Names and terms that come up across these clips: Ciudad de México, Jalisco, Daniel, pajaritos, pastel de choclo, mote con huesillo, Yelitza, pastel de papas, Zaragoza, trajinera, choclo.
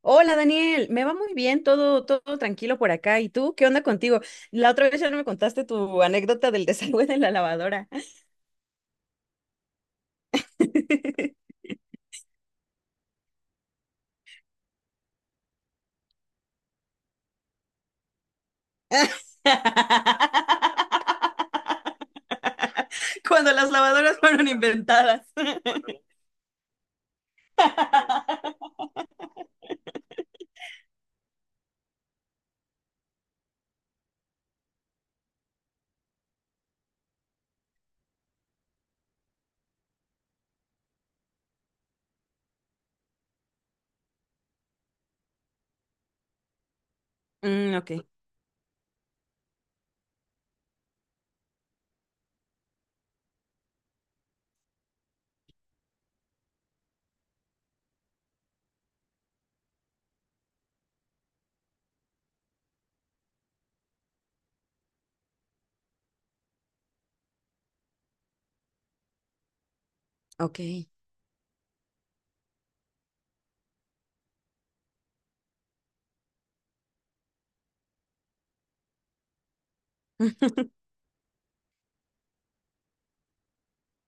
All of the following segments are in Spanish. Hola Daniel, me va muy bien, todo tranquilo por acá. ¿Y tú qué onda contigo? La otra vez ya no me contaste tu anécdota del desagüe de la lavadora. Cuando las lavadoras fueron inventadas. Mm, ok, ok.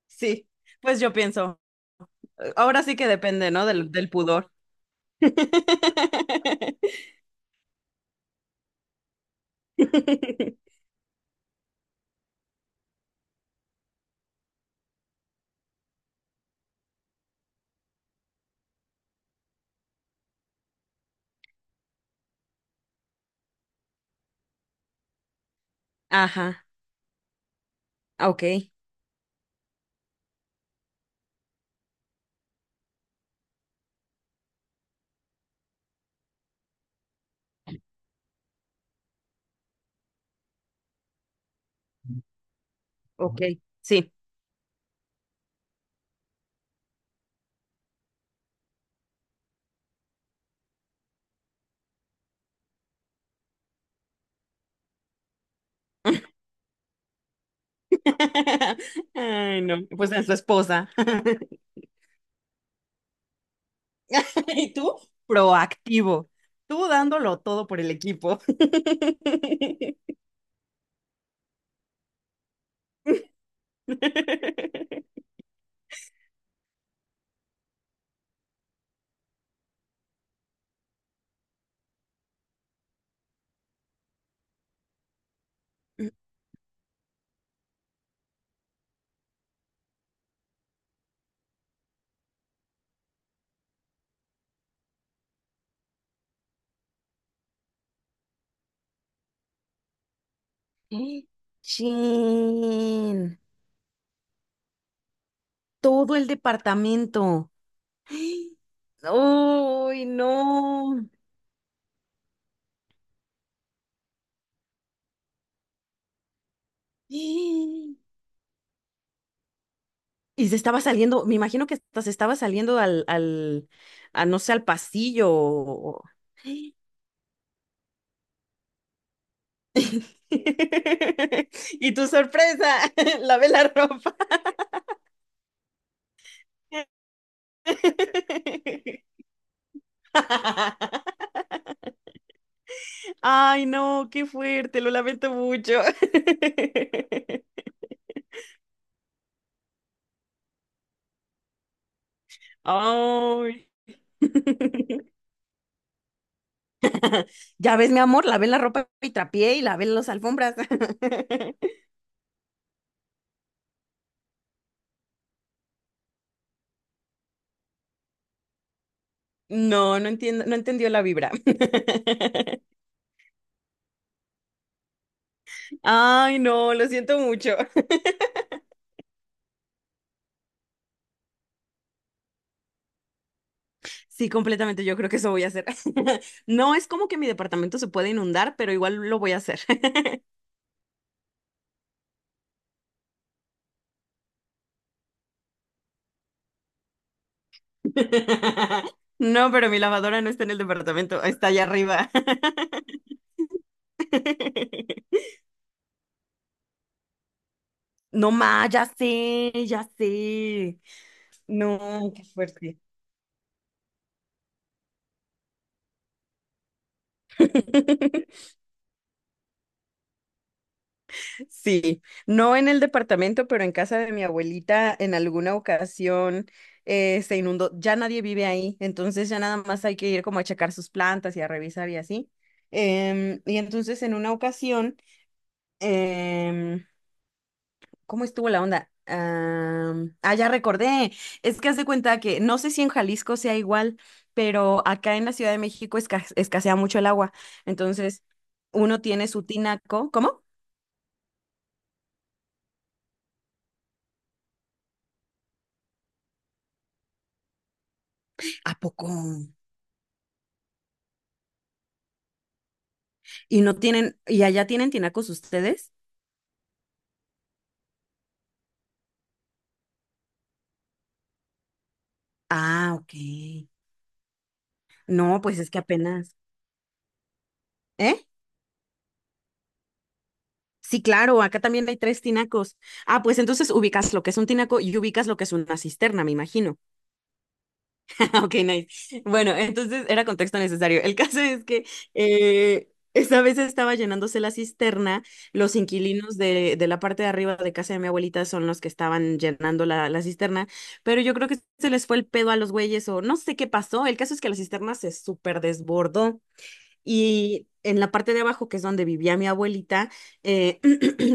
Sí, pues yo pienso, ahora sí que depende, ¿no? Del pudor. Ajá, ok, ok. Sí. Ay, no, pues en su esposa. ¿Y tú? Proactivo. Tú dándolo todo por el equipo. Chin, todo el departamento. ¡Ay, no! ¡Ay! Y se estaba saliendo, me imagino que hasta se estaba saliendo a, no sé, al pasillo. Y tu sorpresa, lavé la ropa. Ay, no, qué fuerte, lo lamento mucho. Ay. Ya ves, mi amor, lavé la ropa y trapié y lavé las alfombras. No, no entiendo, no entendió la vibra. Ay, no, lo siento mucho. Sí, completamente, yo creo que eso voy a hacer. No es como que mi departamento se puede inundar, pero igual lo voy a hacer. No, pero mi lavadora no está en el departamento, está allá arriba. No más, ya sé, ya sé. No, qué fuerte. Sí, no en el departamento, pero en casa de mi abuelita en alguna ocasión se inundó. Ya nadie vive ahí, entonces ya nada más hay que ir como a checar sus plantas y a revisar y así. Y entonces en una ocasión, em, ¿Cómo estuvo la onda? Ya recordé. Es que haz de cuenta que no sé si en Jalisco sea igual, pero acá en la Ciudad de México escasea mucho el agua. Entonces, uno tiene su tinaco. ¿Cómo? ¿A poco? Y no tienen, ¿y allá tienen tinacos ustedes? Ah, ok. No, pues es que apenas. ¿Eh? Sí, claro, acá también hay tres tinacos. Ah, pues entonces ubicas lo que es un tinaco y ubicas lo que es una cisterna, me imagino. Ah, ok, nice. Bueno, entonces era contexto necesario. El caso es que eh, esa vez estaba llenándose la cisterna. Los inquilinos de la parte de arriba de casa de mi abuelita son los que estaban llenando la cisterna, pero yo creo que se les fue el pedo a los güeyes o no sé qué pasó. El caso es que la cisterna se súper desbordó y en la parte de abajo, que es donde vivía mi abuelita, eh,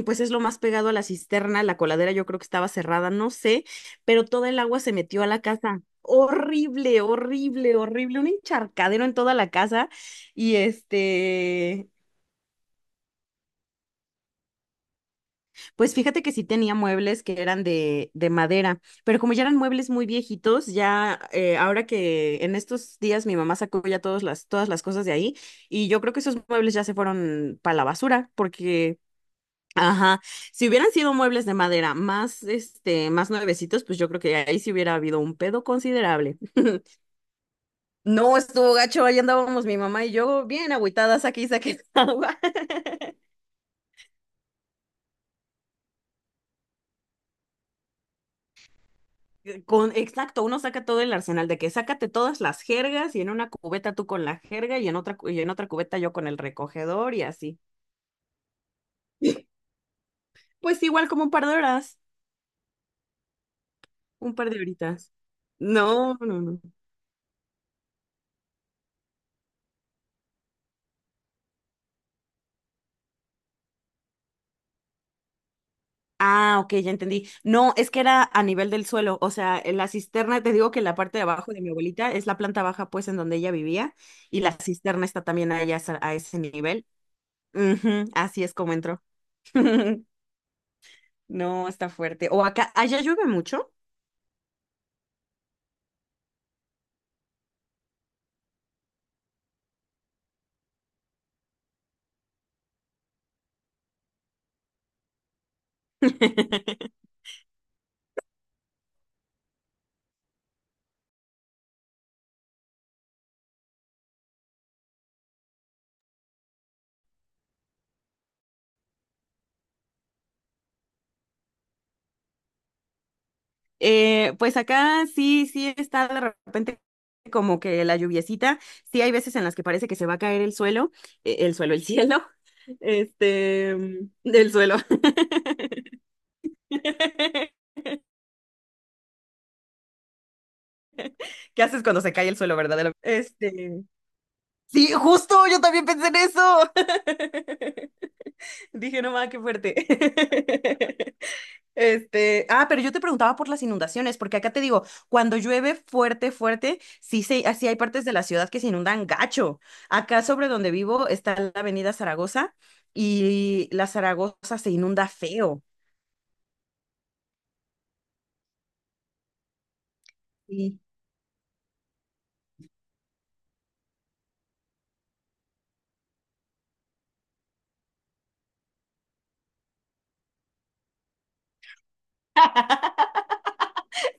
pues es lo más pegado a la cisterna, la coladera yo creo que estaba cerrada, no sé, pero toda el agua se metió a la casa. Horrible, horrible, horrible, un encharcadero en toda la casa. Y pues fíjate que sí tenía muebles que eran de madera, pero como ya eran muebles muy viejitos, ya ahora que en estos días mi mamá sacó ya todas las cosas de ahí, y yo creo que esos muebles ya se fueron para la basura, porque ajá, si hubieran sido muebles de madera más, más nuevecitos, pues yo creo que ahí sí hubiera habido un pedo considerable. No, estuvo gacho, ahí andábamos mi mamá y yo bien agüitadas aquí, saqué agua. Con, exacto, uno saca todo el arsenal de que sácate todas las jergas y en una cubeta tú con la jerga y en otra, y en otra cubeta yo con el recogedor y así. Pues igual como un par de horas, un par de horitas. No, no, no. Ah, ok, ya entendí. No, es que era a nivel del suelo, o sea, en la cisterna, te digo que la parte de abajo de mi abuelita es la planta baja, pues, en donde ella vivía, y la cisterna está también a, a ese nivel. Ujú, así es como entró. No, está fuerte. O acá, allá llueve mucho. Pues acá sí, sí está de repente como que la lluviecita. Sí hay veces en las que parece que se va a caer el suelo, el suelo, el cielo, este, del suelo. ¿Qué haces cuando se cae el suelo, verdad? Sí, justo, yo también pensé en eso. Dije, no mames, qué fuerte. Pero yo te preguntaba por las inundaciones, porque acá te digo, cuando llueve fuerte, fuerte, sí, se, así hay partes de la ciudad que se inundan gacho. Acá sobre donde vivo está la avenida Zaragoza y la Zaragoza se inunda feo. Sí,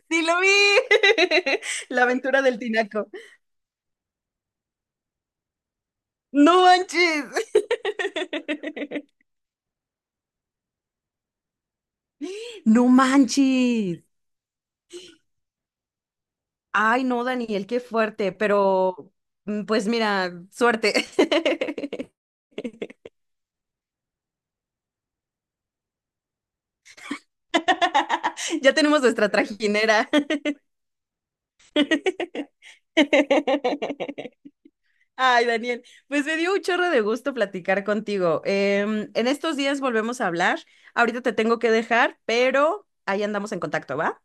sí lo vi. La aventura del tinaco. No manches. No manches. Ay, no, Daniel, qué fuerte, pero pues mira, suerte. Ya tenemos nuestra trajinera. Ay, Daniel, pues me dio un chorro de gusto platicar contigo. En estos días volvemos a hablar. Ahorita te tengo que dejar, pero ahí andamos en contacto, ¿va?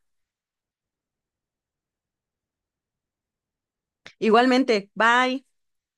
Igualmente, bye.